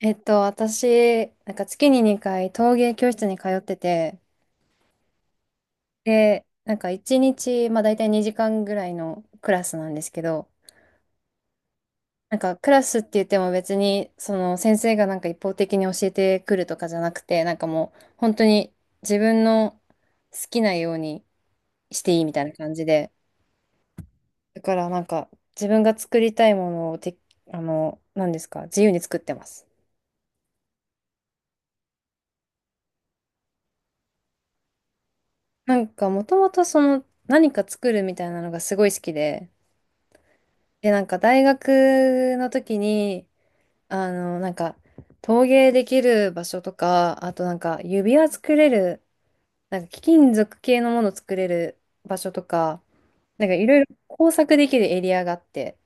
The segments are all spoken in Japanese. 私、なんか月に2回陶芸教室に通ってて、で、なんか1日、まあ大体2時間ぐらいのクラスなんですけど、なんかクラスって言っても別に、その先生がなんか一方的に教えてくるとかじゃなくて、なんかもう本当に自分の好きなようにしていいみたいな感じで、だからなんか自分が作りたいものをて、何ですか、自由に作ってます。なんかもともとその何か作るみたいなのがすごい好きで、で、なんか大学の時に、なんか陶芸できる場所とか、あとなんか指輪作れる、なんか貴金属系のもの作れる場所とか、なんかいろいろ工作できるエリアがあって、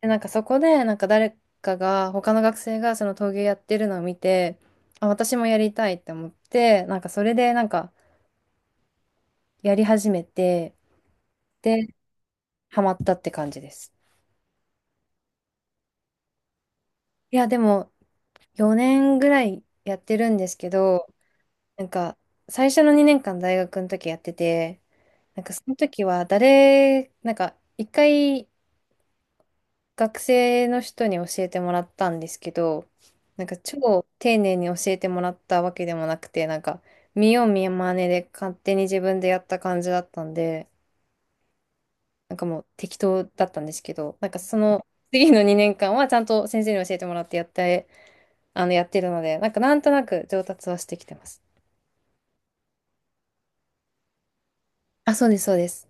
で、なんかそこでなんか誰かが、他の学生がその陶芸やってるのを見て、あ、私もやりたいって思って、なんかそれでなんかやり始めて、で、ハマったって感じです。いや、でも4年ぐらいやってるんですけど、なんか、最初の2年間大学の時やってて、なんかその時はなんか一回学生の人に教えてもらったんですけど、なんか超丁寧に教えてもらったわけでもなくて、なんか見よう見まねで勝手に自分でやった感じだったんで、なんかもう適当だったんですけど、なんかその次の2年間はちゃんと先生に教えてもらってやって、やってるので、なんかなんとなく上達はしてきてます。あ、そうです、そうです。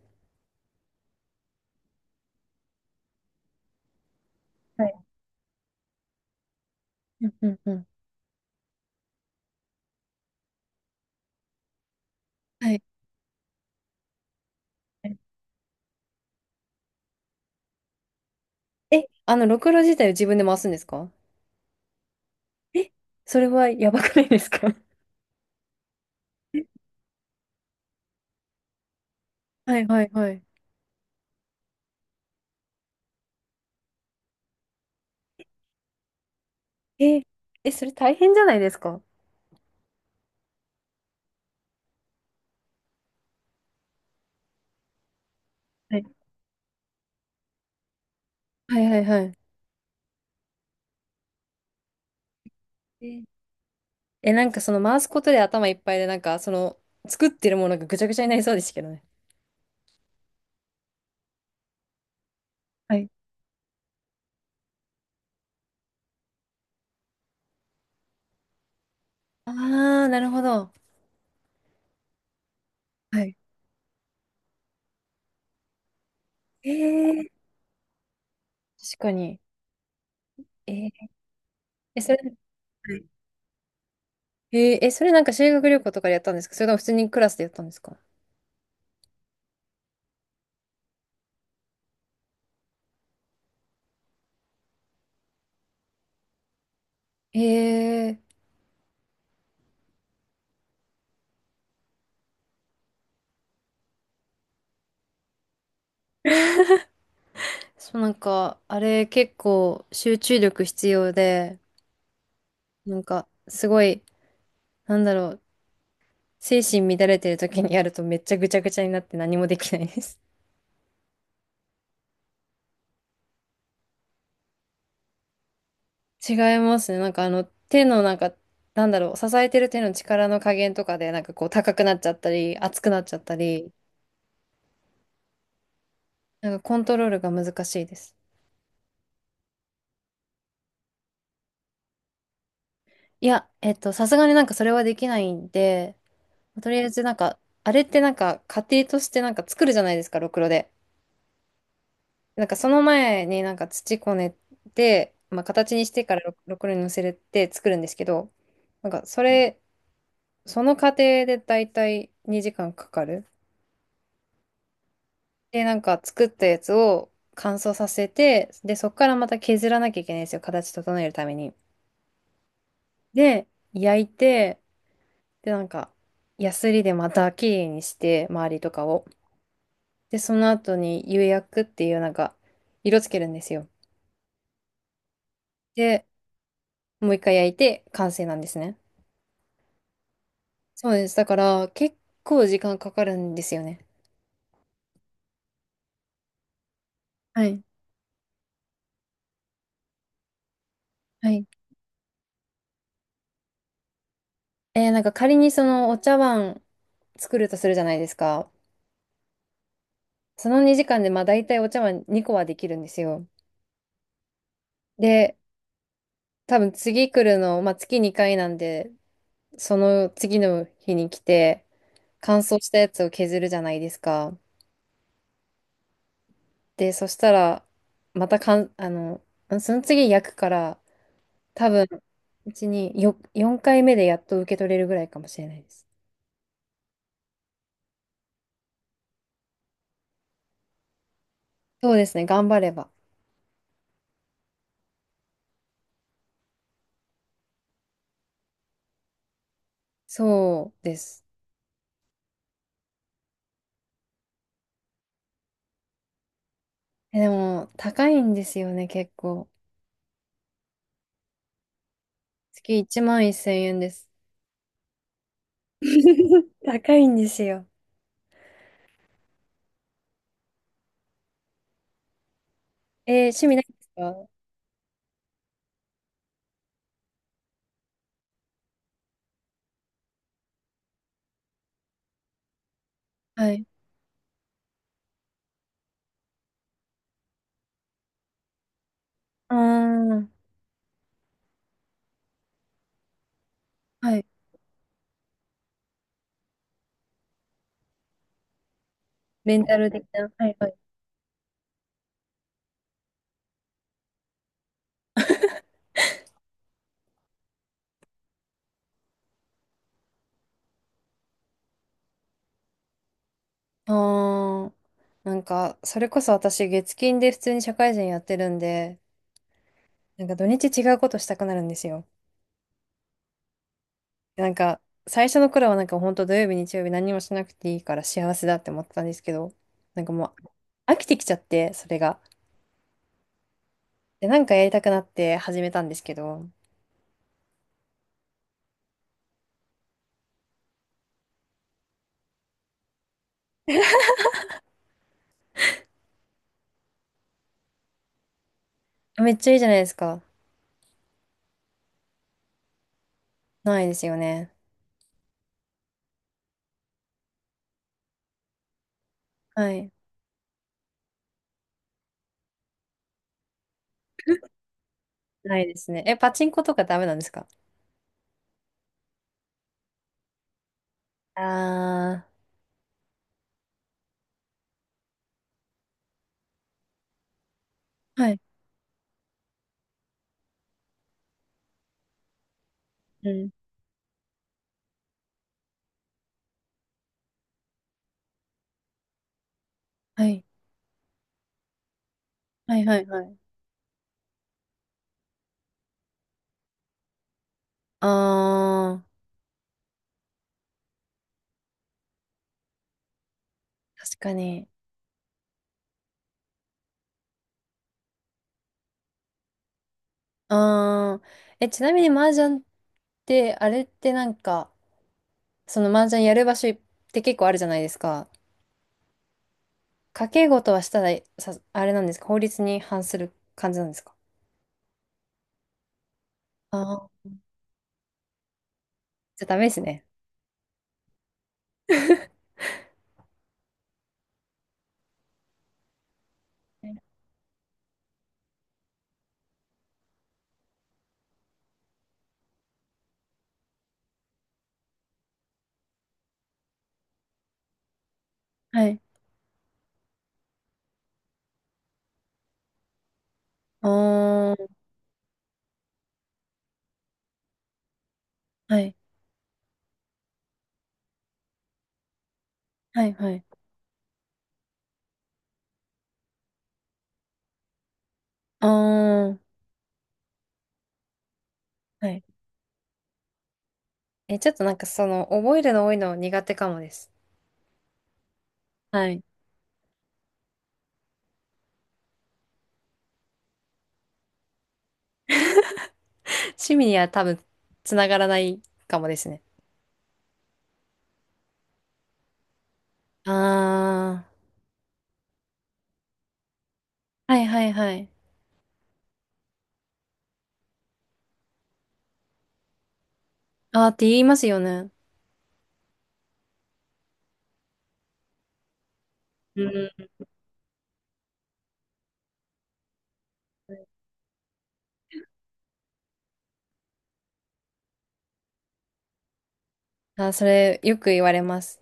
はい。うんうんうん。はい。え、ろくろ自体を自分で回すんですか？え、それはやばくないですか？ え、はいはいはい。え、え、それ大変じゃないですか？はいはいはいはい。え、え、なんかその回すことで頭いっぱいで、なんかその作ってるものがぐちゃぐちゃになりそうですけどね。はい。ああ、なるほど。はい。えー、確かに。えー、え、それ、はい、えー、え、それなんか修学旅行とかでやったんですか？それとも普通にクラスでやったんですか？えー、そうなんか、あれ結構集中力必要で、なんか、すごい、なんだろう、精神乱れてる時にやるとめっちゃぐちゃぐちゃになって何もできないです。違いますね。なんか手のなんか、なんだろう、支えてる手の力の加減とかで、なんかこう、高くなっちゃったり、熱くなっちゃったり、なんかコントロールが難しいです。いや、さすがになんかそれはできないんで、とりあえずなんか、あれってなんか、家庭としてなんか作るじゃないですか、ろくろで。なんかその前になんか土こねて、まあ、形にしてからろくろに乗せて作るんですけど、なんかそれ、その過程でだいたい2時間かかる。で、なんか作ったやつを乾燥させて、で、そこからまた削らなきゃいけないんですよ。形整えるために。で、焼いて、で、なんか、ヤスリでまた綺麗にして、周りとかを。で、その後に釉薬っていうなんか、色つけるんですよ。で、もう一回焼いて完成なんですね。そうです。だから、結構時間かかるんですよね。はい。はい。えー、なんか仮にそのお茶碗作るとするじゃないですか。その2時間でまあ大体お茶碗2個はできるんですよ。で、多分次来るの、まあ月2回なんで、その次の日に来て乾燥したやつを削るじゃないですか。で、そしたら、またかん、あの、その次焼くから、多分、うちに4回目でやっと受け取れるぐらいかもしれないです。そうですね、頑張れば。そうです。え、でも、高いんですよね、結構。月1万1000円です。高いんですよ。えー、趣味ないですか？はい。ああ、はい。レンタル的な。はいはい。ああ、なんか、それこそ私、月金で普通に社会人やってるんで、なんか土日違うことしたくなるんですよ。なんか、最初の頃はなんか本当土曜日、日曜日何もしなくていいから幸せだって思ってたんですけど、なんかもう、飽きてきちゃって、それが。で、なんかやりたくなって始めたんですけど、めっちゃいいじゃないですか。ないですよね。はい。ないですね。え、パチンコとかダメなんですか？あー。はい。うん。はい。はいはいはい。あー。確かに。あー。え、ちなみに麻雀って、あれってなんか、その麻雀やる場所って結構あるじゃないですか。賭け事はしたら、さ、あれなんですか？法律に反する感じなんですか？あー。じゃあダメですね。はい。あー。はい。はいはい。ああ、はい。え、ちょっとなんかその、覚えるの多いの苦手かもです。はい。趣味には多分、つながらないかもですね。ああ、はいはいはい。ああって言いますよね。うん。あー、それ、よく言われます。